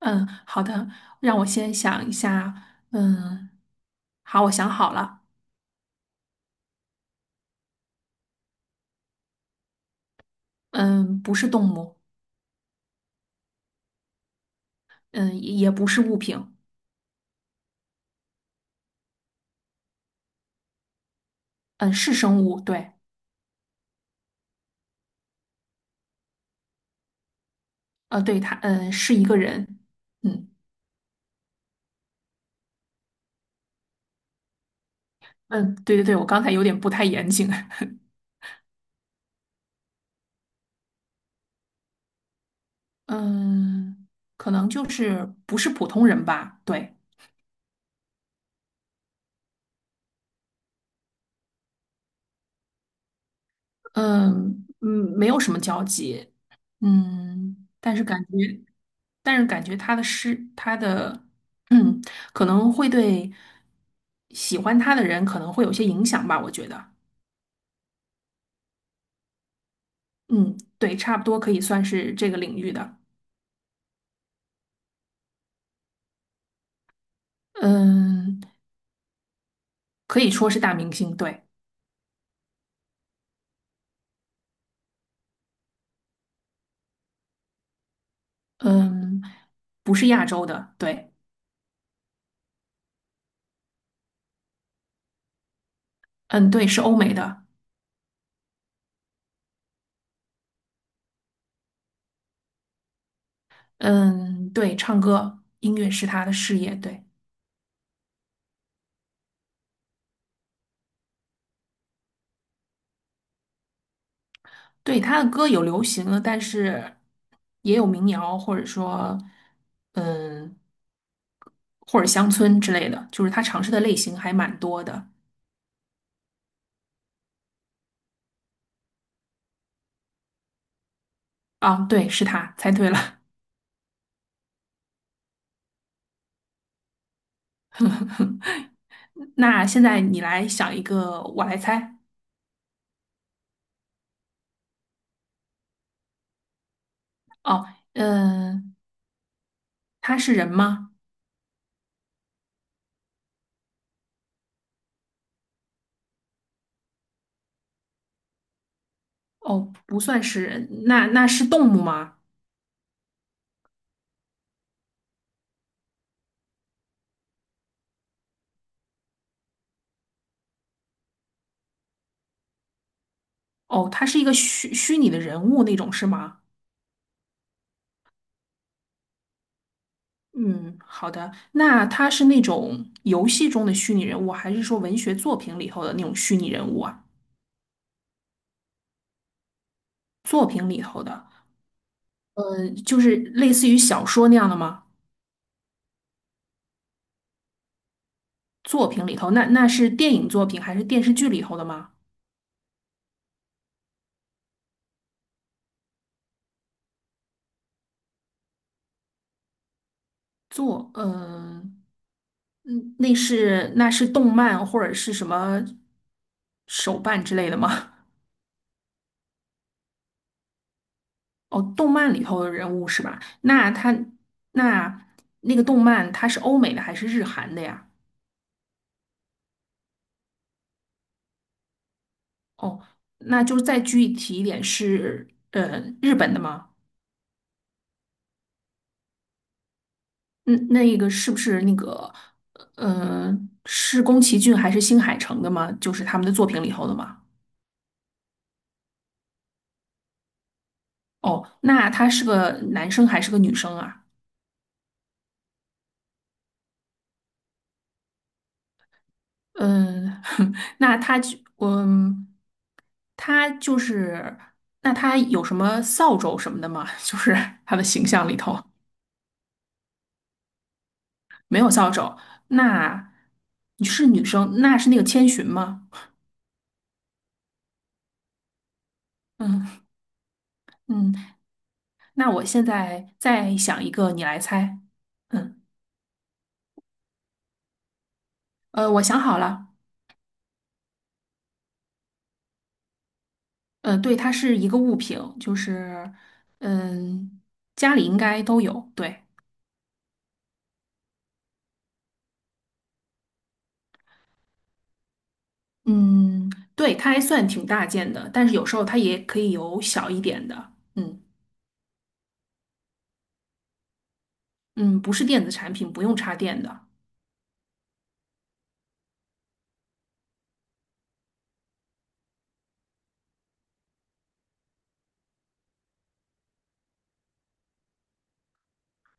嗯，好的，让我先想一下。嗯，好，我想好了。嗯，不是动物，嗯，也不是物品，嗯，是生物。对，对，它，是一个人。嗯嗯，对对对，我刚才有点不太严谨。嗯，可能就是不是普通人吧。对，嗯嗯，没有什么交集。嗯，但是感觉。但是感觉他的诗，他的，嗯，可能会对喜欢他的人可能会有些影响吧，我觉得，嗯，对，差不多可以算是这个领域的，嗯，可以说是大明星，对，嗯，不是亚洲的，对，嗯，对，是欧美的，嗯，对，唱歌，音乐是他的事业，对。对，他的歌有流行的，但是也有民谣，或者说，嗯，或者乡村之类的，就是他尝试的类型还蛮多的。啊，对，是他，猜对了。那现在你来想一个，我来猜。哦，嗯，他是人吗？哦，不算是人，那是动物吗？哦，他是一个虚拟的人物那种是吗？嗯，好的。那他是那种游戏中的虚拟人物，还是说文学作品里头的那种虚拟人物啊？作品里头的，就是类似于小说那样的吗？作品里头，那是电影作品还是电视剧里头的吗？作，呃，嗯，那是那是动漫或者是什么手办之类的吗？哦，动漫里头的人物是吧？那他那那个动漫它是欧美的还是日韩的呀？哦，那就是再具体一点是，日本的吗？那那个是不是那个，呃，是宫崎骏还是新海诚的吗？就是他们的作品里头的吗？哦，那他是个男生还是个女生啊？嗯，那他就，他就是，那他有什么扫帚什么的吗？就是他的形象里头没有扫帚。那你是女生，那是那个千寻吗？嗯嗯。那我现在再想一个，你来猜。嗯，我想好了。对，它是一个物品，就是嗯，家里应该都有。对，嗯，对，它还算挺大件的，但是有时候它也可以有小一点的。嗯嗯，不是电子产品，不用插电的。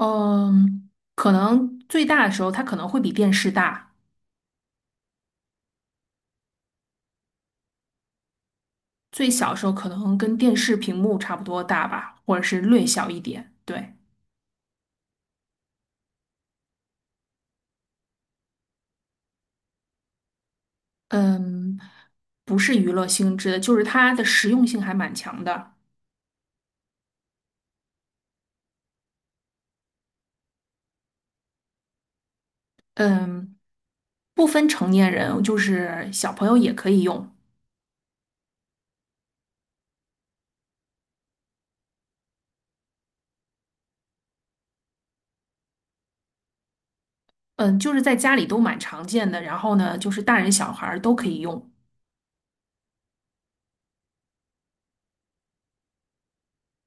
嗯，可能最大的时候它可能会比电视大，最小的时候可能跟电视屏幕差不多大吧，或者是略小一点。对。嗯，不是娱乐性质的，就是它的实用性还蛮强的。嗯，不分成年人，就是小朋友也可以用。嗯，就是在家里都蛮常见的，然后呢，就是大人小孩儿都可以用。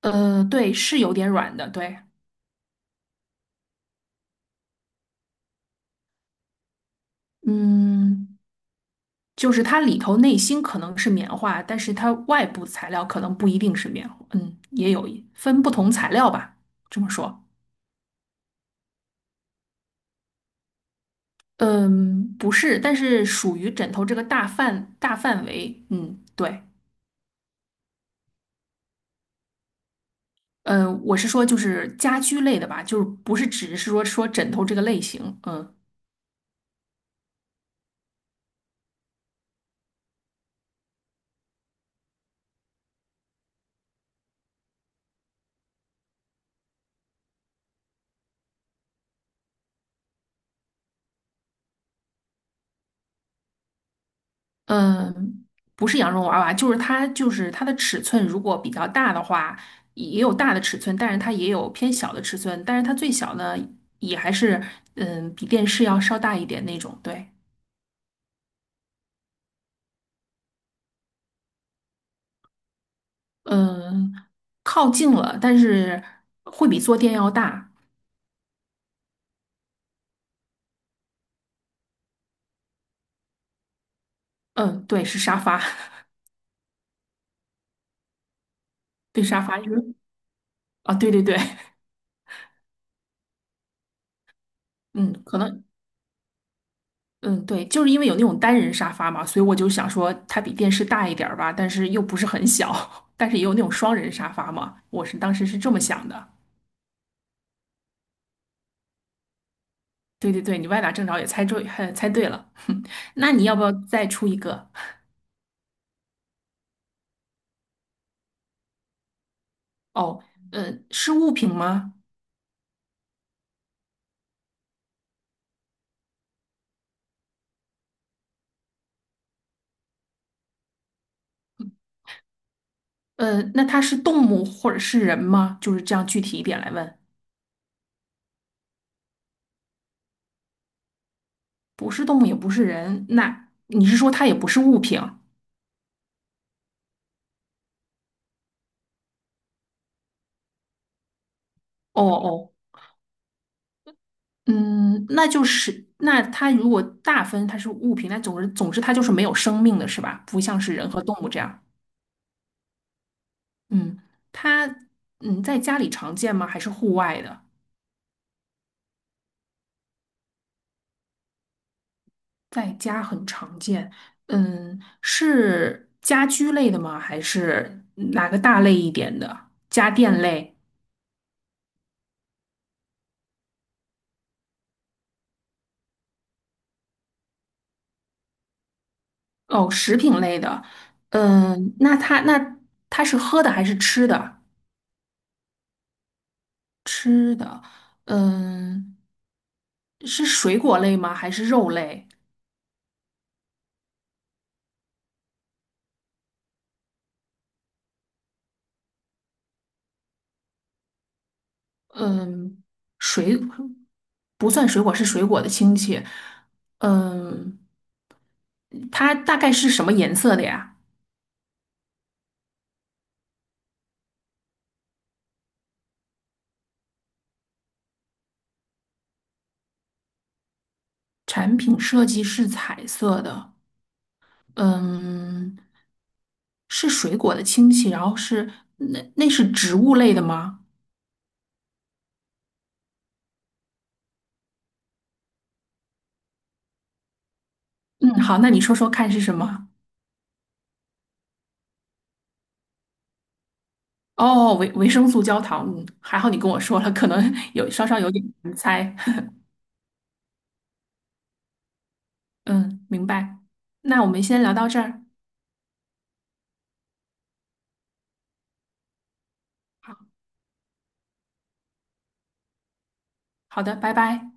对，是有点软的，对，嗯，就是它里头内芯可能是棉花，但是它外部材料可能不一定是棉花，也有一分不同材料吧，这么说。嗯，不是，但是属于枕头这个大范围。嗯，对，我是说就是家居类的吧，就是不是只是说枕头这个类型。嗯嗯，不是羊绒娃娃，就是它的尺寸如果比较大的话，也有大的尺寸，但是它也有偏小的尺寸，但是它最小呢也还是比电视要稍大一点那种。对，嗯，靠近了，但是会比坐垫要大。嗯，对，是沙发。对沙发，因为对对对，嗯，可能，嗯，对，就是因为有那种单人沙发嘛，所以我就想说它比电视大一点儿吧，但是又不是很小，但是也有那种双人沙发嘛，我是当时是这么想的。对对对，你歪打正着也猜对，还猜对了。那你要不要再出一个？哦，是物品吗？那它是动物或者是人吗？就是这样具体一点来问，不是动物也不是人，那你是说它也不是物品？哦哦嗯，那就是那它如果大分它是物品，那总之它就是没有生命的是吧？不像是人和动物这样。嗯，它在家里常见吗？还是户外的？在家很常见。嗯，是家居类的吗？还是哪个大类一点的？家电类？哦，食品类的。嗯，那它那它是喝的还是吃的？吃的。嗯，是水果类吗？还是肉类？嗯，水不算水果，是水果的亲戚。嗯，它大概是什么颜色的呀？产品设计是彩色的。嗯，是水果的亲戚，然后是那那是植物类的吗？嗯，好，那你说说看是什么？哦，维生素焦糖。嗯，还好你跟我说了，可能 有稍稍有点难猜。嗯，明白。那我们先聊到这儿。好，好的，拜拜。